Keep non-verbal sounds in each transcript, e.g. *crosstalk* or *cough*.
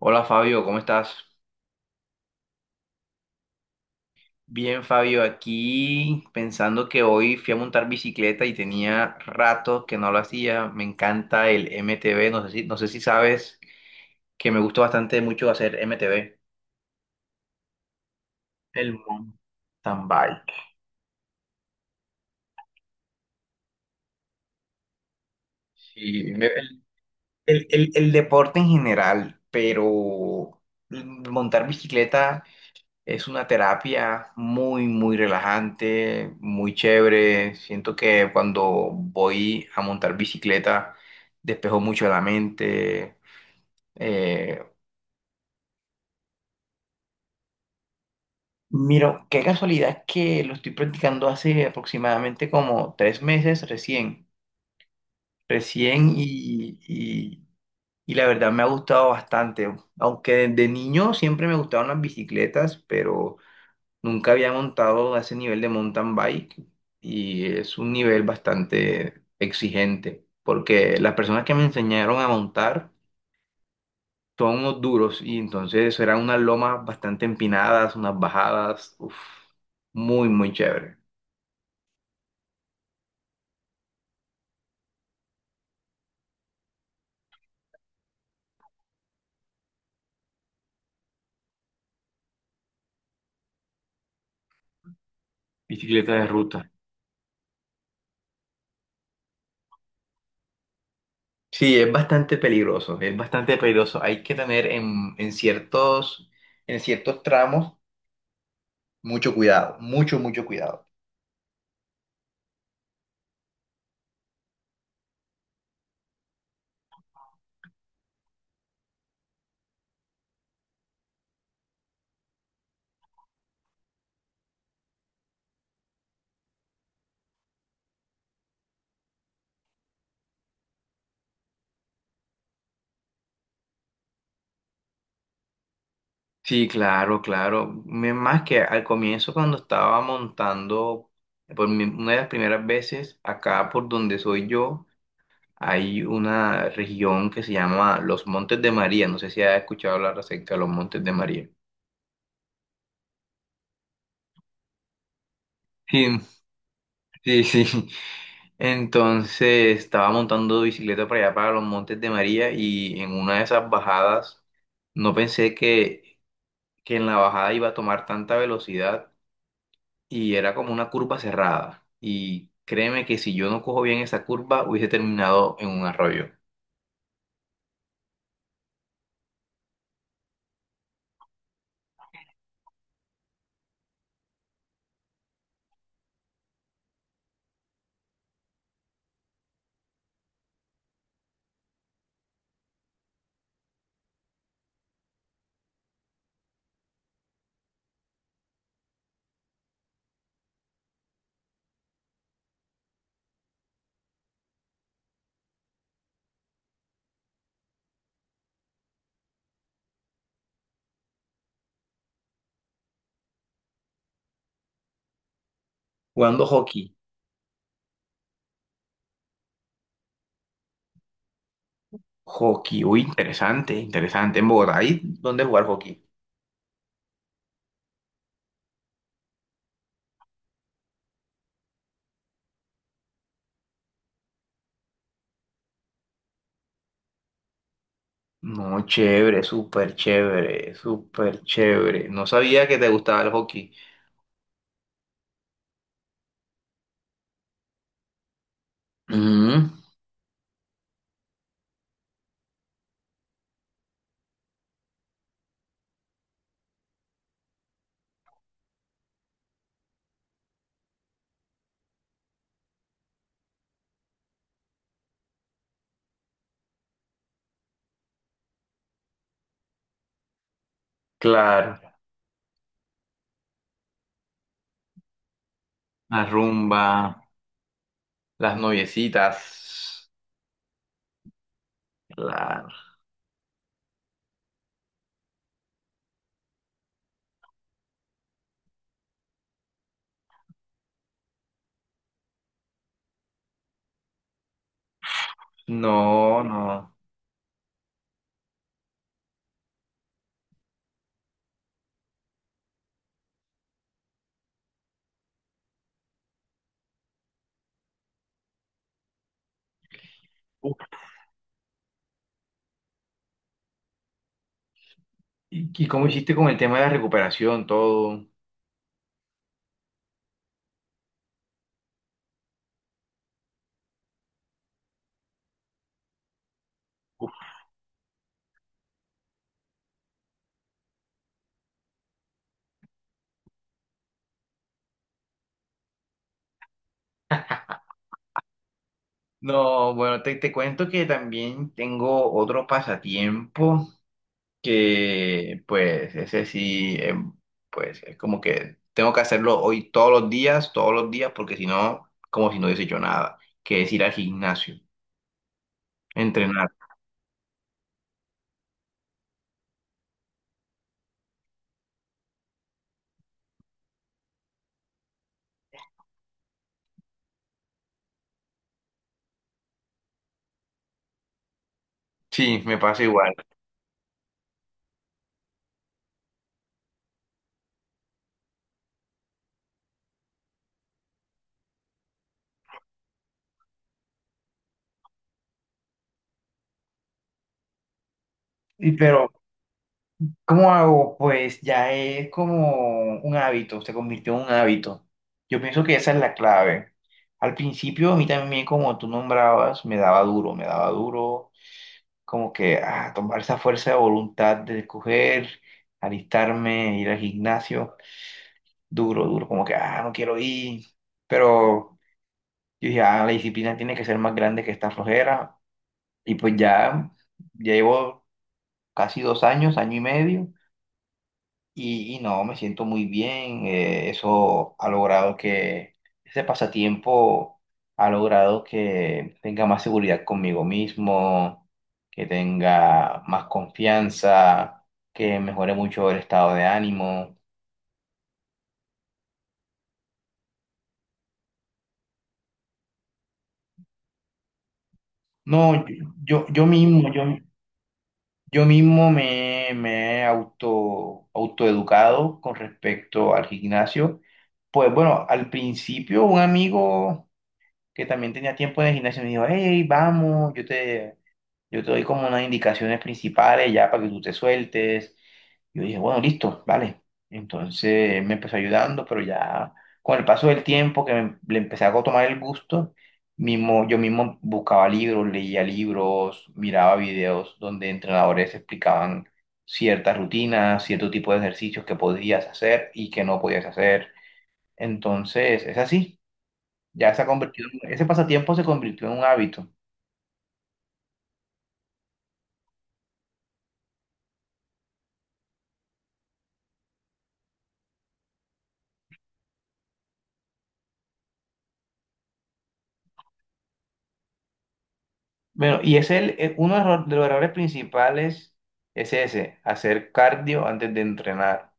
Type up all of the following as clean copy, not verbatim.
Hola Fabio, ¿cómo estás? Bien, Fabio, aquí pensando que hoy fui a montar bicicleta y tenía rato que no lo hacía. Me encanta el MTB, no sé si sabes que me gusta bastante mucho hacer MTB. El mountain bike. Sí, el deporte en general, pero montar bicicleta es una terapia muy, muy relajante, muy chévere. Siento que cuando voy a montar bicicleta despejo mucho la mente. Eh, mira, qué casualidad que lo estoy practicando hace aproximadamente como 3 meses recién. Recién y, y- y la verdad me ha gustado bastante. Aunque de niño siempre me gustaron las bicicletas, pero nunca había montado a ese nivel de mountain bike y es un nivel bastante exigente porque las personas que me enseñaron a montar son unos duros y entonces eran unas lomas bastante empinadas, unas bajadas, uf, muy, muy chévere. Bicicleta de ruta. Sí, es bastante peligroso, es bastante peligroso. Hay que tener en ciertos tramos mucho cuidado, mucho, mucho cuidado. Sí, claro, claro. Más que al comienzo cuando estaba montando, una de las primeras veces, acá por donde soy yo, hay una región que se llama Los Montes de María. No sé si has escuchado hablar acerca de los Montes de María. Sí, sí, sí. *laughs* Entonces estaba montando bicicleta para allá, para los Montes de María, y en una de esas bajadas, no pensé que en la bajada iba a tomar tanta velocidad. Y era como una curva cerrada. Y créeme que si yo no cojo bien esa curva, hubiese terminado en un arroyo. Jugando hockey. Hockey, uy, interesante, interesante. En Bogotá, ¿ahí dónde jugar hockey? No, chévere, súper chévere, súper chévere. No sabía que te gustaba el hockey. Ujú, claro, la rumba, las noviecitas. Claro. No, no. Uf, ¿Y cómo hiciste con el tema de la recuperación, todo? No, bueno, te cuento que también tengo otro pasatiempo que, pues, ese sí, pues, es como que tengo que hacerlo hoy todos los días, porque si no, como si no hubiese hecho nada, que es ir al gimnasio, entrenar. Sí, me pasa igual. Y pero, ¿cómo hago? Pues ya es como un hábito, se convirtió en un hábito. Yo pienso que esa es la clave. Al principio, a mí también, como tú nombrabas, me daba duro como que ah, tomar esa fuerza de voluntad de coger, alistarme, ir al gimnasio, duro, duro, como que, ah, no quiero ir, pero yo dije, ah, la disciplina tiene que ser más grande que esta flojera, y pues ya, ya llevo casi 2 años, año y medio, y no, me siento muy bien. Eso ha logrado que, ese pasatiempo ha logrado que tenga más seguridad conmigo mismo, que tenga más confianza, que mejore mucho el estado de ánimo. No, yo, yo mismo, yo, yo mismo me, he autoeducado con respecto al gimnasio. Pues bueno, al principio un amigo que también tenía tiempo de gimnasio, me dijo, hey, vamos, yo te doy como unas indicaciones principales ya para que tú te sueltes. Yo dije, bueno, listo, vale. Entonces él me empezó ayudando, pero ya con el paso del tiempo que le empecé a tomar el gusto, yo mismo buscaba libros, leía libros, miraba videos donde entrenadores explicaban ciertas rutinas, cierto tipo de ejercicios que podías hacer y que no podías hacer. Entonces, es así. Ya se ha convertido, ese pasatiempo se convirtió en un hábito. Bueno, y es uno de los errores principales es ese, hacer cardio antes de entrenar.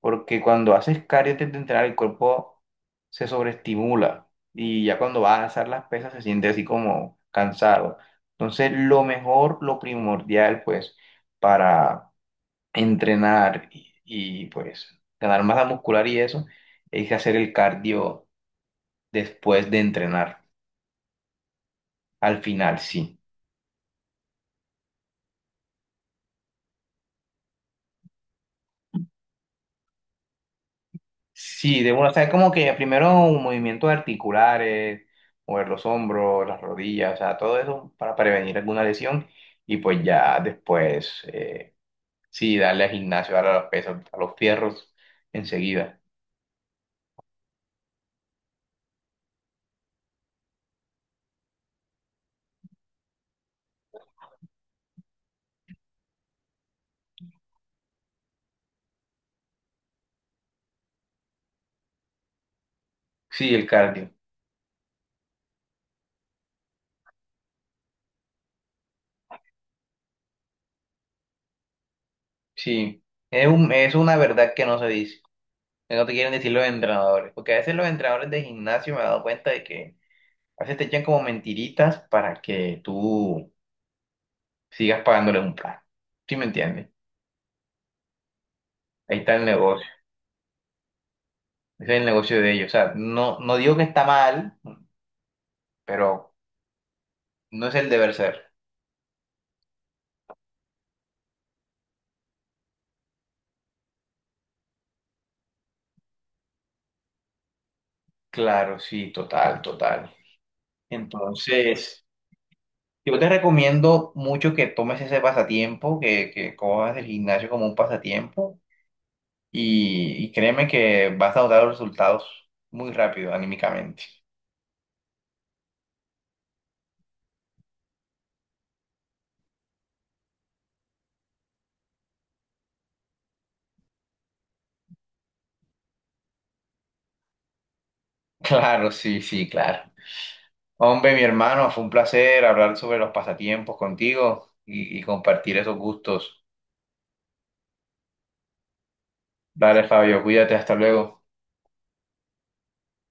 Porque cuando haces cardio antes de entrenar, el cuerpo se sobreestimula y ya cuando vas a alzar las pesas se siente así como cansado. Entonces, lo mejor, lo primordial, pues, para entrenar y pues ganar masa muscular y eso, es hacer el cardio después de entrenar. Al final, sí. Sí, de una, o sea, es como que primero un movimiento de articulares, mover los hombros, las rodillas, o sea, todo eso para prevenir alguna lesión y pues ya después, sí, darle al gimnasio, darle a los pesos, a los fierros enseguida. Sí, el cardio, sí. Es una verdad que no se dice, que no te quieren decir los entrenadores, porque a veces los entrenadores de gimnasio me he dado cuenta de que a veces te echan como mentiritas para que tú sigas pagándoles un plan. ¿Sí me entiendes? Ahí está el negocio. Ese es el negocio de ellos. O sea, no digo que está mal, pero no es el deber ser. Claro, sí, total, total. Entonces, yo te recomiendo mucho que tomes ese pasatiempo, que cojas el gimnasio como un pasatiempo y créeme que vas a notar los resultados muy rápido, anímicamente. *laughs* Claro, sí, sí, claro. Hombre, mi hermano, fue un placer hablar sobre los pasatiempos contigo y compartir esos gustos. Dale, Fabio, cuídate, hasta luego.